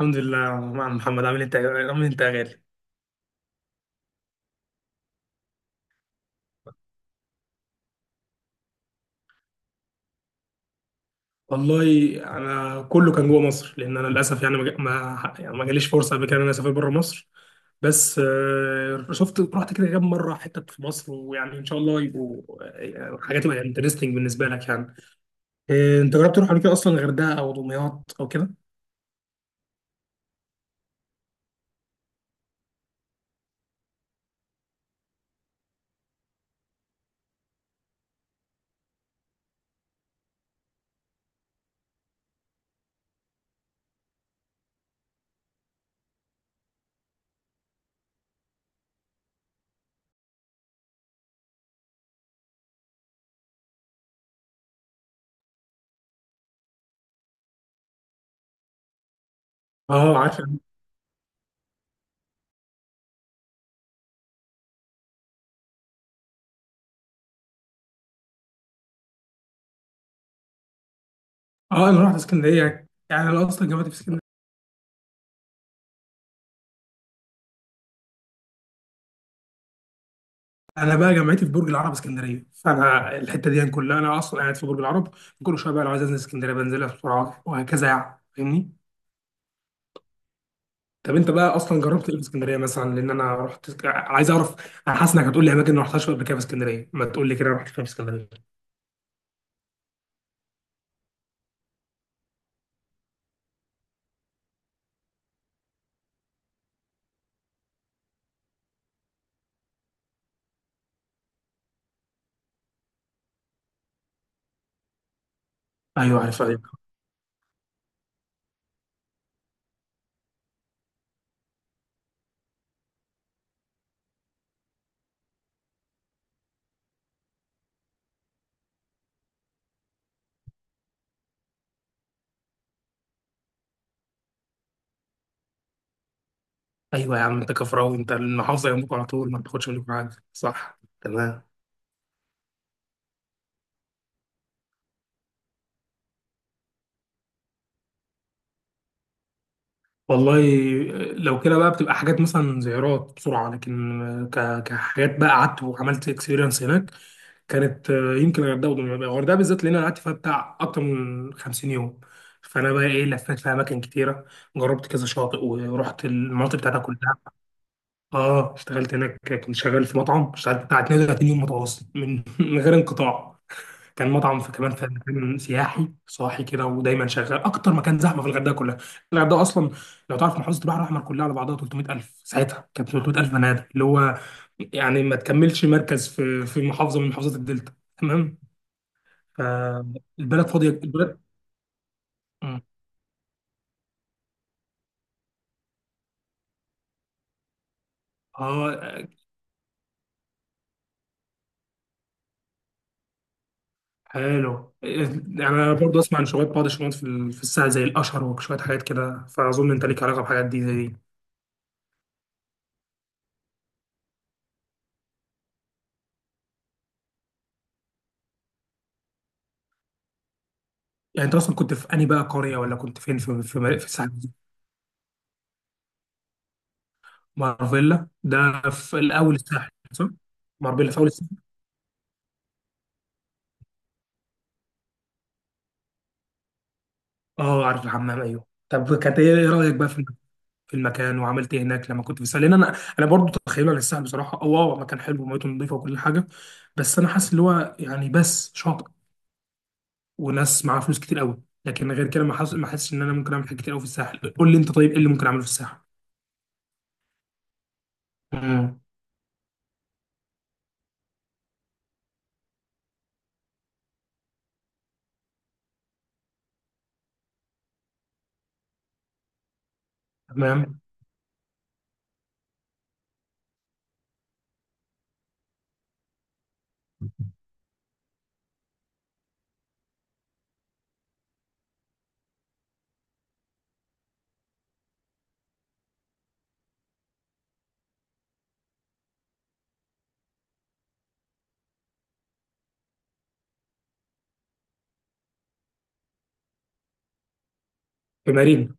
الحمد لله يا عم محمد، عامل انت عامل انت يا غالي. والله، انا كله كان جوه مصر، لان انا للاسف يعني ما جا- ما يعني ما جاليش فرصه قبل كده ان انا اسافر بره مصر. بس شفت، رحت كده كام مره حتت في مصر، ويعني ان شاء الله يبقوا حاجات تبقى انترستنج بالنسبه لك يعني. انت جربت تروح قبل كده اصلا الغردقه او دمياط او كده؟ اه عارف. اه انا رحت اسكندريه، يعني انا اصلا جامعتي في اسكندريه. انا بقى جامعتي في برج العرب اسكندريه، فانا الحته دي يعني كلها انا اصلا قاعد في برج العرب. كل شويه بقى لو عايز انزل اسكندريه بنزلها بسرعه وهكذا، يعني فاهمني. طب انت بقى اصلا جربت ايه في اسكندريه مثلا؟ لان انا رحت عايز اعرف. انا حاسس انك هتقول لي اماكن ما رحتهاش قبل كده في اسكندريه، ما تقول لي كده رحت فين في اسكندريه. ايوه عارف ايوه. ايوه يا عم انت كفراوي، انت المحافظه جنبك على طول، ما بتاخدش منك حاجه، صح؟ تمام. والله، لو كده بقى بتبقى حاجات مثلا زيارات بسرعة، لكن كحاجات بقى قعدت وعملت اكسبيرينس هناك، كانت يمكن الغردقة ودمياط. الغردقة بالذات لأن أنا قعدت فيها بتاع أكتر من 50 يوم، فأنا بقى إيه لفيت في أماكن كتيرة، جربت كذا شاطئ ورحت المناطق بتاعتها كلها. آه اشتغلت هناك. كنت شغال في مطعم، اشتغلت بتاع 32 يوم متواصل من من غير انقطاع. كان مطعم في كمان في مكان سياحي صاحي كده، ودايما شغال اكتر مكان زحمه في الغردقه كلها. الغردقه اصلا لو تعرف محافظه البحر الاحمر كلها على بعضها 300000، ساعتها كانت 300000 بني ادم، اللي هو يعني ما تكملش مركز في محافظه من محافظات الدلتا. تمام. فالبلد فاضيه البلد. مم. اه حلو. يعني انا برضه اسمع عن شويه بعض الشغلات في الساعه زي الاشهر وشويه حاجات كده، فاظن انت ليك علاقه بحاجات دي زي دي. يعني انت اصلا كنت في انهي بقى قريه، ولا كنت فين في الساعه؟ مارفيلا ده في الاول الساحل صح؟ مارفيلا في اول الساحل. اه عارف الحمام ايوه. طب كانت ايه إيه رايك بقى في المكان، وعملت ايه هناك لما كنت في الساحل؟ لان انا برضه تخيل على الساحل بصراحه اه مكان حلو وميته نظيفه وكل حاجه. بس انا حاسس اللي هو يعني بس شاطئ، وناس معاها فلوس كتير قوي، لكن غير كده ما حاسس، ان انا ممكن اعمل حاجات كتير قوي في الساحل. قول لي انت طيب، ايه اللي ممكن اعمله في الساحل؟ امم تمام. في مارينا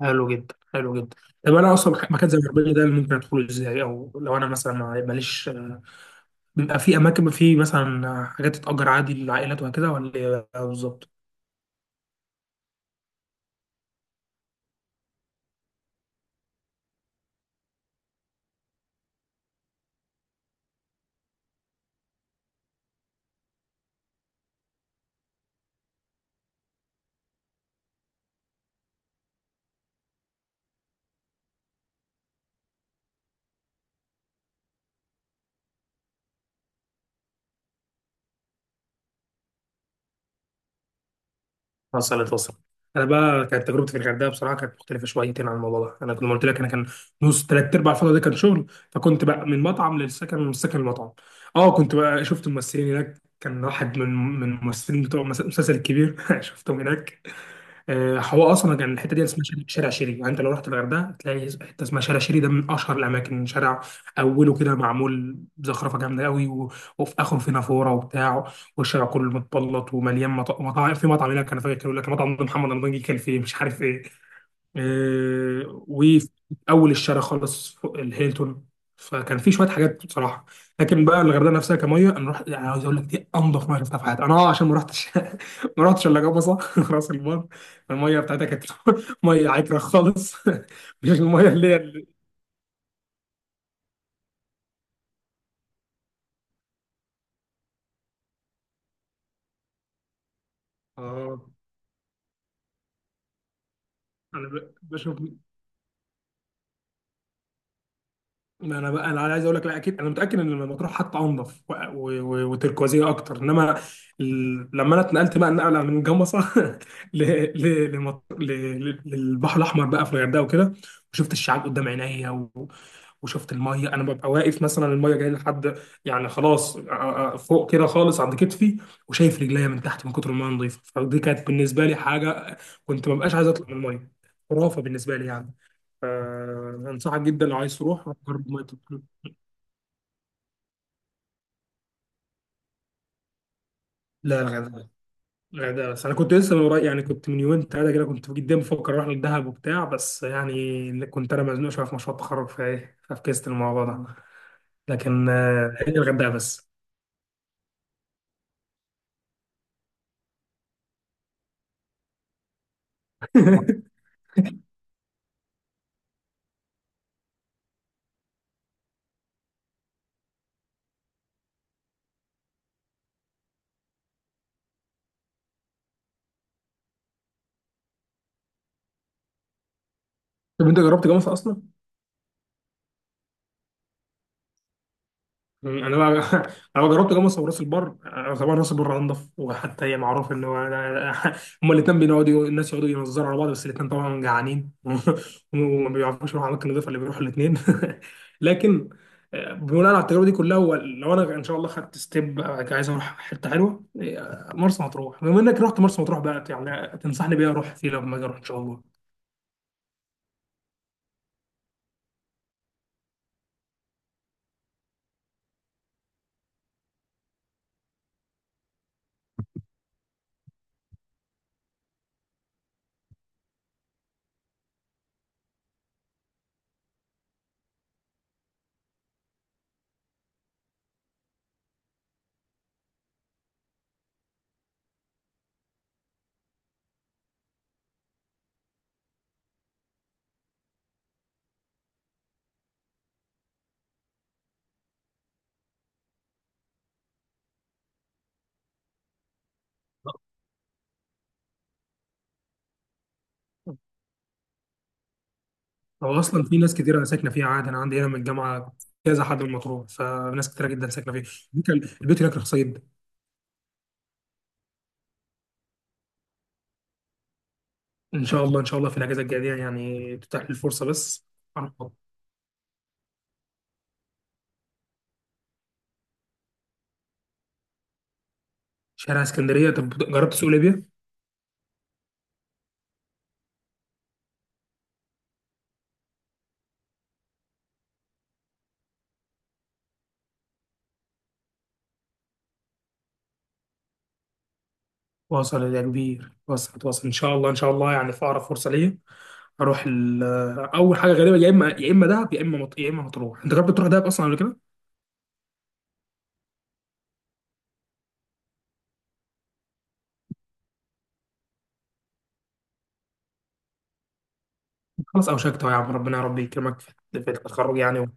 حلو جدا حلو جدا. طب انا اصلا مكان زي مارفيلا ده ممكن ادخله ازاي؟ او لو انا مثلا ماليش، بيبقى في اماكن في مثلا حاجات تتأجر عادي للعائلات وهكذا، ولا إيه بالظبط؟ وصلت وصلت. انا بقى كانت تجربتي في الغردقه بصراحه كانت مختلفه شويتين عن الموضوع ده. انا كنت قلت لك، انا كان نص ثلاث ارباع الفتره دي كان شغل، فكنت بقى من مطعم للسكن ومن السكن للمطعم. اه كنت بقى شفت ممثلين هناك، كان واحد من الممثلين بتوع المسلسل الكبير شفتهم هناك. هو اصلا كان الحته دي اسمها شارع شيري. يعني انت لو رحت الغردقه تلاقي حته اسمها شارع شيري، ده من اشهر الاماكن. شارع اوله كده معمول زخرفه جامده قوي، و... وفي اخره في نافوره وبتاع، والشارع كله متبلط ومليان مطاعم. في مطعم هناك انا فاكر كانوا يقول لك المطعم ده محمد رمضان جه كان فيه مش عارف ايه، وفي اول الشارع خالص فوق الهيلتون. فكان في شويه حاجات بصراحه. لكن بقى الغردقه نفسها، كميه انا رحت يعني عاوز اقول لك دي انضف ميه شفتها في حياتي انا، اه عشان ما رحتش ما رحتش الا جبصه راس البر. الميه بتاعتها كانت ميه عكره خالص. مش الميه اه انا بشوف. ما انا بقى انا عايز اقول لك لا، اكيد انا متاكد ان مطروح حتى انضف وتركوازيه اكتر. انما لما انا اتنقلت بقى النقله من جمصه ل- للبحر الاحمر بقى في الغردقه وكده، وشفت الشعاب قدام عينيا وشفت الميه. انا ببقى واقف مثلا، الميه جايه لحد، يعني خلاص فوق كده خالص عند كتفي، وشايف رجليا من تحت من كتر الميه نظيفه. فدي كانت بالنسبه لي حاجه، كنت ما بقاش عايز اطلع من الميه، خرافه بالنسبه لي يعني. انصحك جدا لو عايز تروح، روح جرب ميه. لا، الغردقة. الغردقة بس. أنا كنت لسه من قريب يعني، كنت من يومين تلاتة كده كنت جدا بفكر أروح للدهب وبتاع، بس يعني كنت أنا مزنوق شوية في مشروع التخرج فإيه ففكست الموضوع ده. لكن هي الغردقة بس. طب أنت جربت جامعة أصلا؟ انا بقى انا بقى جربت جاموسه وراس البر. طبعا راس البر انضف، وحتى هي معروف ان هو هما الاثنين بيقعدوا، الناس يقعدوا ينظروا على بعض بس الاثنين طبعا جعانين وما بيعرفوش يروحوا اماكن نظيفه اللي بيروحوا الاثنين. لكن بناء على التجربه دي كلها، هو لو انا ان شاء الله خدت ستيب عايز اروح حته حلوه، مرسى مطروح بما انك رحت مرسى مطروح بقى يعني، تنصحني بيها اروح فيه لما اجي اروح ان شاء الله؟ هو اصلا في ناس كتير انا ساكنه فيها، عادي انا عندي هنا من الجامعه كذا حد من مطروح، فناس كتيره جدا ساكنه فيها. البيوت هناك رخيصه جدا. ان شاء الله ان شاء الله في الاجازه الجايه دي يعني تتاح لي الفرصه بس. أروح شارع اسكندريه. طب جربت سوق ليبيا؟ واصل يا كبير، واصل واصل. ان شاء الله ان شاء الله يعني في اقرب فرصه ليا اروح اول حاجه غريبه. يا اما يا اما دهب يا اما يا اما مطروح. انت جربت تروح دهب اصلا قبل كده؟ خلاص اوشكت أهو، يا عم ربنا يا رب يكرمك في التخرج يعني.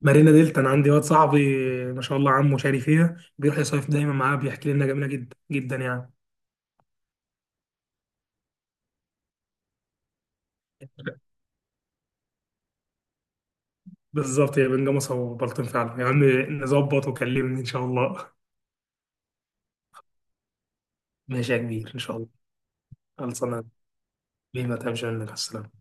مارينا دلتا. انا عندي واد صاحبي ما شاء الله عمه شاري فيها، بيروح يصيف دايما معاه، بيحكي لي انها جميله جدا جدا يعني. بالظبط هي بين جمصة وبلطيم فعلا يا عم. نظبط وكلمني ان شاء الله. ماشي يا كبير ان شاء الله. خلصنا. بينا تمشي، منك السلام.